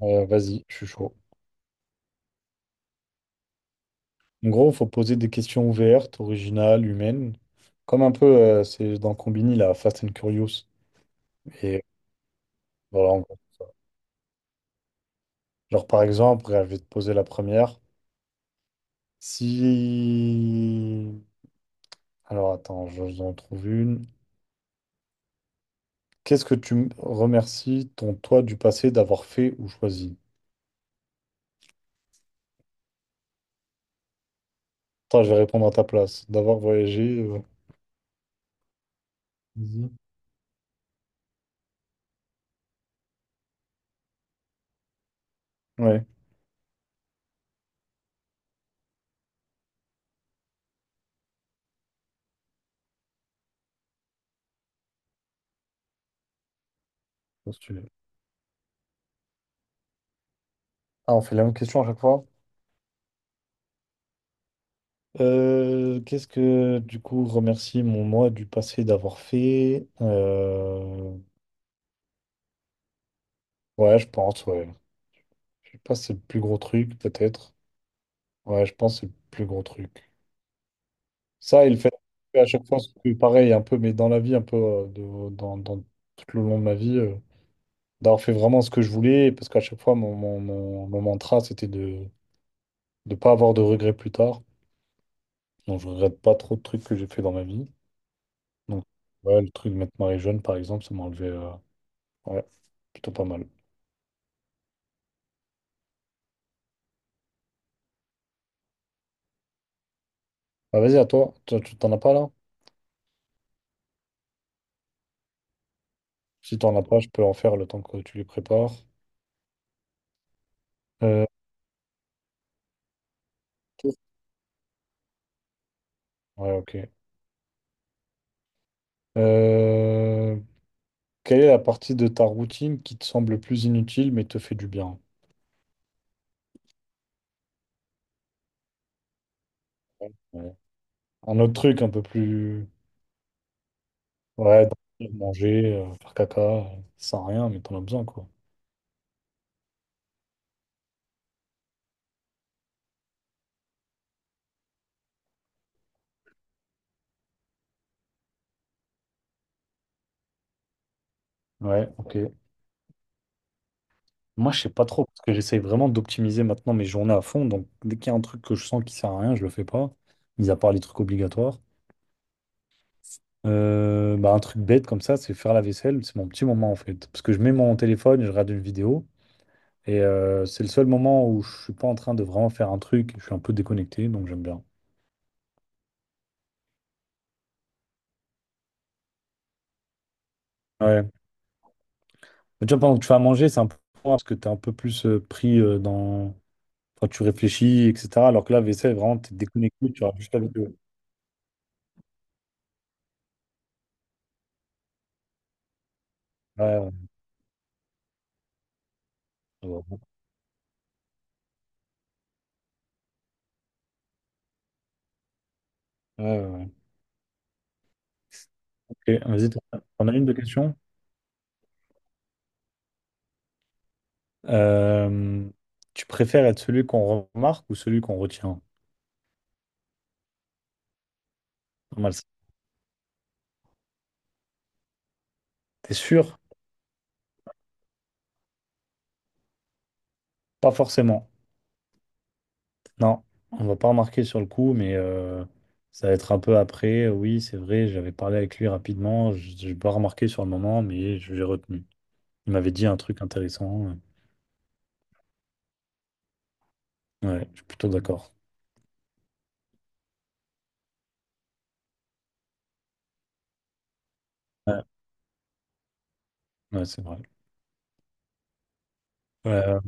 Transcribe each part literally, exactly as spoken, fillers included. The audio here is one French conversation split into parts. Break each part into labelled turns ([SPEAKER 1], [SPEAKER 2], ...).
[SPEAKER 1] Euh, vas-y, je suis chaud. En gros, faut poser des questions ouvertes, originales, humaines. Comme un peu, euh, c'est dans Combini, la Fast and Curious. Et voilà, en gros. Genre, par exemple, je vais te poser la première. Si... Alors, attends, je vous en trouve une. Qu'est-ce que tu m- remercies ton toi du passé d'avoir fait ou choisi? Attends, je vais répondre à ta place. D'avoir voyagé. euh, Vas-y. Ouais, postulé. Ah, on fait la même question à chaque fois? Euh, qu'est-ce que, du coup, remercier mon moi du passé d'avoir fait? Euh, ouais, je pense, ouais. Je sais pas, si c'est le plus gros truc, peut-être. Ouais, je pense que c'est le plus gros truc. Ça, et le fait que à chaque fois, c'est pareil, un peu, mais dans la vie, un peu, euh, de- dans, dans- tout le long de ma vie, euh, d'avoir fait vraiment ce que je voulais, parce qu'à chaque fois, mon, mon, mon- mon mantra, c'était de ne pas avoir de regrets plus tard. Donc, je regrette pas trop de trucs que j'ai fait dans ma vie. Donc, ouais, le truc de mettre marie jeune, par exemple, ça m'a enlevé. euh, Ouais, plutôt pas mal. Bah, vas-y, à toi. Toi, tu t'en as pas là? Si t'en as pas, je peux en faire le temps que tu les prépares. Euh, Ouais, ok. Euh, Quelle est la partie de ta routine qui te semble le plus inutile mais te fait du bien? Ouais. Un autre truc un peu plus... Ouais, dormir, manger, euh, faire caca, euh, ça sert à rien, mais t'en as besoin, quoi. Ouais, ok. Moi, je sais pas trop, parce que j'essaye vraiment d'optimiser maintenant mes journées à fond. Donc, dès qu'il y a un truc que je sens qui sert à rien, je le fais pas, mis à part les trucs obligatoires. Euh, bah, un truc bête comme ça, c'est faire la vaisselle. C'est mon petit moment en fait. Parce que je mets mon téléphone et je regarde une vidéo. Et euh, c'est le seul moment où je suis pas en train de vraiment faire un truc. Je suis un peu déconnecté, donc j'aime bien. Ouais. Mais tu vois, pendant que tu vas manger, c'est un peu moins parce que tu es un peu plus euh, pris euh, dans. Enfin, tu réfléchis, et cetera. Alors que là, vaisselle, vraiment, tu es déconnecté, tu regardes juste la vidéo. Ouais, ouais. Ça va. Ouais, ouais, ouais. Ok, vas-y, t'en t'en as une de question? Euh, tu préfères être celui qu'on remarque ou celui qu'on retient? Pas mal, ça. T'es sûr? Pas forcément. Non, on va pas remarquer sur le coup, mais euh, ça va être un peu après. Oui, c'est vrai, j'avais parlé avec lui rapidement. Je n'ai pas remarqué sur le moment, mais je- j'ai retenu. Il m'avait dit un truc intéressant. Ouais, je suis plutôt d'accord. Ouais, ouais, c'est vrai. Euh,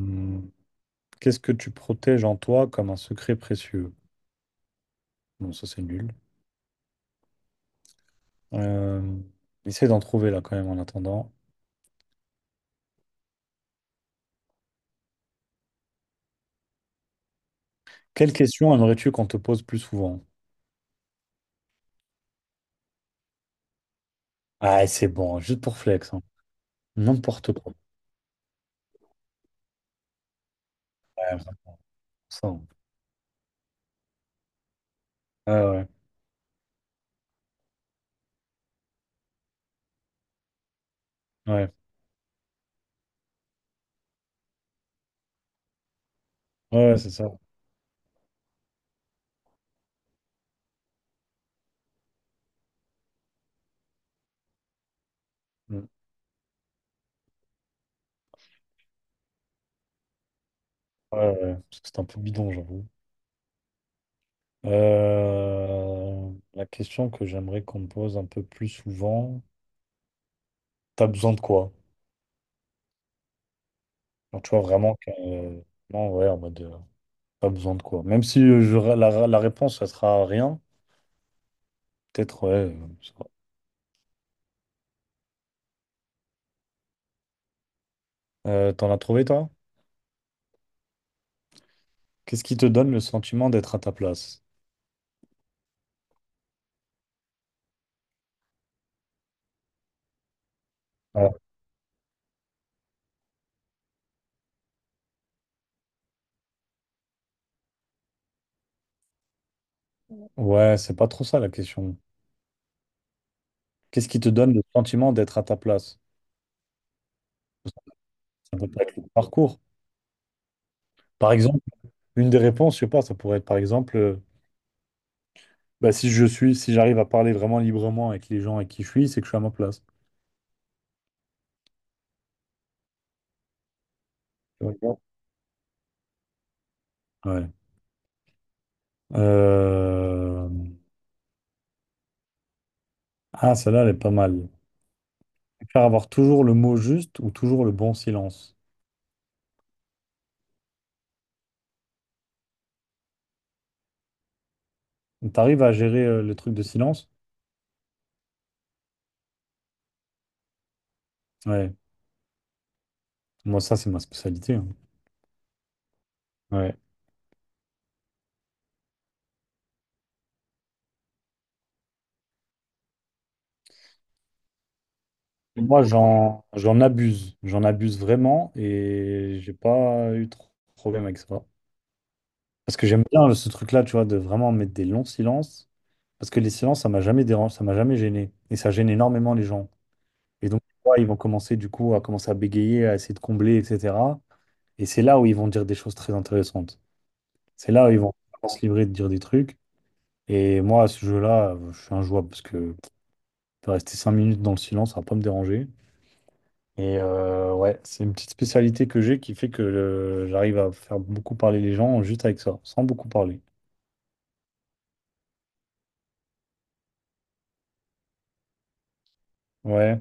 [SPEAKER 1] qu'est-ce que tu protèges en toi comme un secret précieux? Bon, ça c'est nul. Euh, essaie d'en trouver là quand même en attendant. Quelle question aimerais-tu qu'on te pose plus souvent? Ah, c'est bon, juste pour flex, hein. N'importe quoi. Ouais, cent pour cent. Ouais, ouais. ouais. Ouais, c'est ça. Mm. Ouais, ouais, ouais, parce que c'est un peu bidon, j'avoue. Euh, la question que j'aimerais qu'on me pose un peu plus souvent, t'as besoin de quoi? Alors, tu vois, vraiment, euh, non, ouais, en mode, euh, t'as besoin de quoi? Même si euh, je, la, la réponse, ça sera rien, peut-être, ouais. euh, je sais pas. Euh, t'en as trouvé, toi? Qu'est-ce qui te donne le sentiment d'être à ta place? Ouais. Ouais, c'est pas trop ça la question. Qu'est-ce qui te donne le sentiment d'être à ta place? Ça peut pas être le parcours. Par exemple, une des réponses, je sais pas, ça pourrait être par exemple. euh, Bah, si je suis, si j'arrive à parler vraiment librement avec les gens avec qui je suis, c'est que je suis à ma place. Ouais. Ouais. Euh, Ah, celle-là, elle est pas mal. Faire avoir toujours le mot juste ou toujours le bon silence. T'arrives à gérer euh, le truc de silence? Ouais. Moi, ça, c'est ma spécialité. Hein. Ouais. Moi, j'en j'en abuse. J'en abuse vraiment et j'ai pas eu trop de problème avec ça. Parce que j'aime bien ce truc-là, tu vois, de vraiment mettre des longs silences. Parce que les silences, ça m'a jamais dérangé, ça m'a jamais gêné. Et ça gêne énormément les gens. Et donc, tu vois, ils vont commencer du coup à commencer à bégayer, à essayer de combler, et cetera. Et c'est là où ils vont dire des choses très intéressantes. C'est là où ils vont vraiment se livrer de dire des trucs. Et moi, à ce jeu-là, euh, je suis injouable parce que de rester cinq minutes dans le silence, ça va pas me déranger. Et euh, ouais, c'est une petite spécialité que j'ai qui fait que euh, j'arrive à faire beaucoup parler les gens juste avec ça, sans beaucoup parler. Ouais.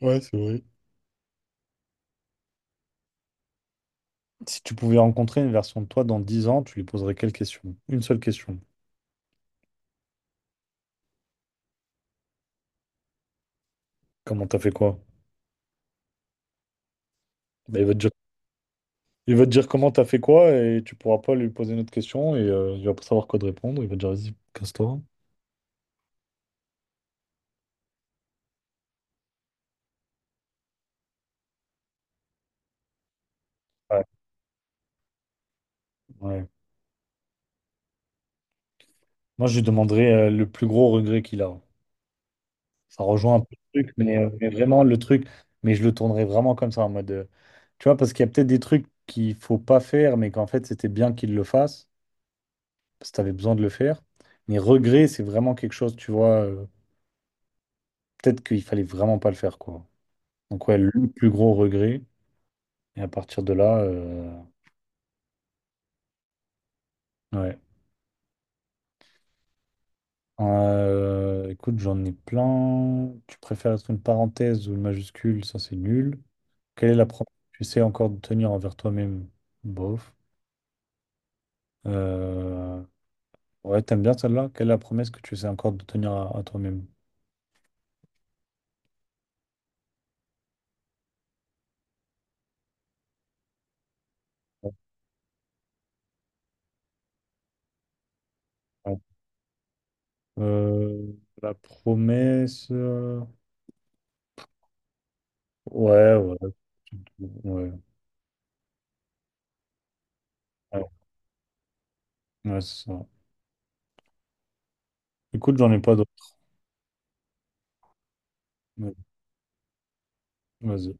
[SPEAKER 1] Ouais, c'est vrai. Si tu pouvais rencontrer une version de toi dans dix ans, tu lui poserais quelle question? Une seule question. Comment t'as fait quoi? Bah, il va te dire. Il va te dire comment t'as fait quoi et tu pourras pas lui poser une autre question et euh, il va pas savoir quoi te répondre. Il va te dire, vas-y, casse-toi. Ouais. Ouais. Moi, je lui demanderais euh, le plus gros regret qu'il a. Ça rejoint un peu le truc, mais, euh, mais vraiment le truc, mais je le tournerais vraiment comme ça en mode, euh, tu vois, parce qu'il y a peut-être des trucs qu'il faut pas faire, mais qu'en fait, c'était bien qu'il le fasse, parce que t'avais besoin de le faire. Mais regret, c'est vraiment quelque chose, tu vois, euh, peut-être qu'il fallait vraiment pas le faire, quoi. Donc, ouais, le plus gros regret. Et à partir de là, euh, ouais. Euh, écoute, j'en ai plein. Tu préfères être une parenthèse ou une majuscule? Ça, c'est nul. Quelle est la promesse que tu sais encore de tenir envers toi-même? Bof. Euh, Ouais, t'aimes bien celle-là? Quelle est la promesse que tu sais encore de tenir à, à toi-même? Ouais. Euh, la promesse. euh, Ouais, ouais. tu- tu- Ouais, ouais, ouais, c'est ça. Écoute, j'en ai pas d'autres. Ouais, Vas-y.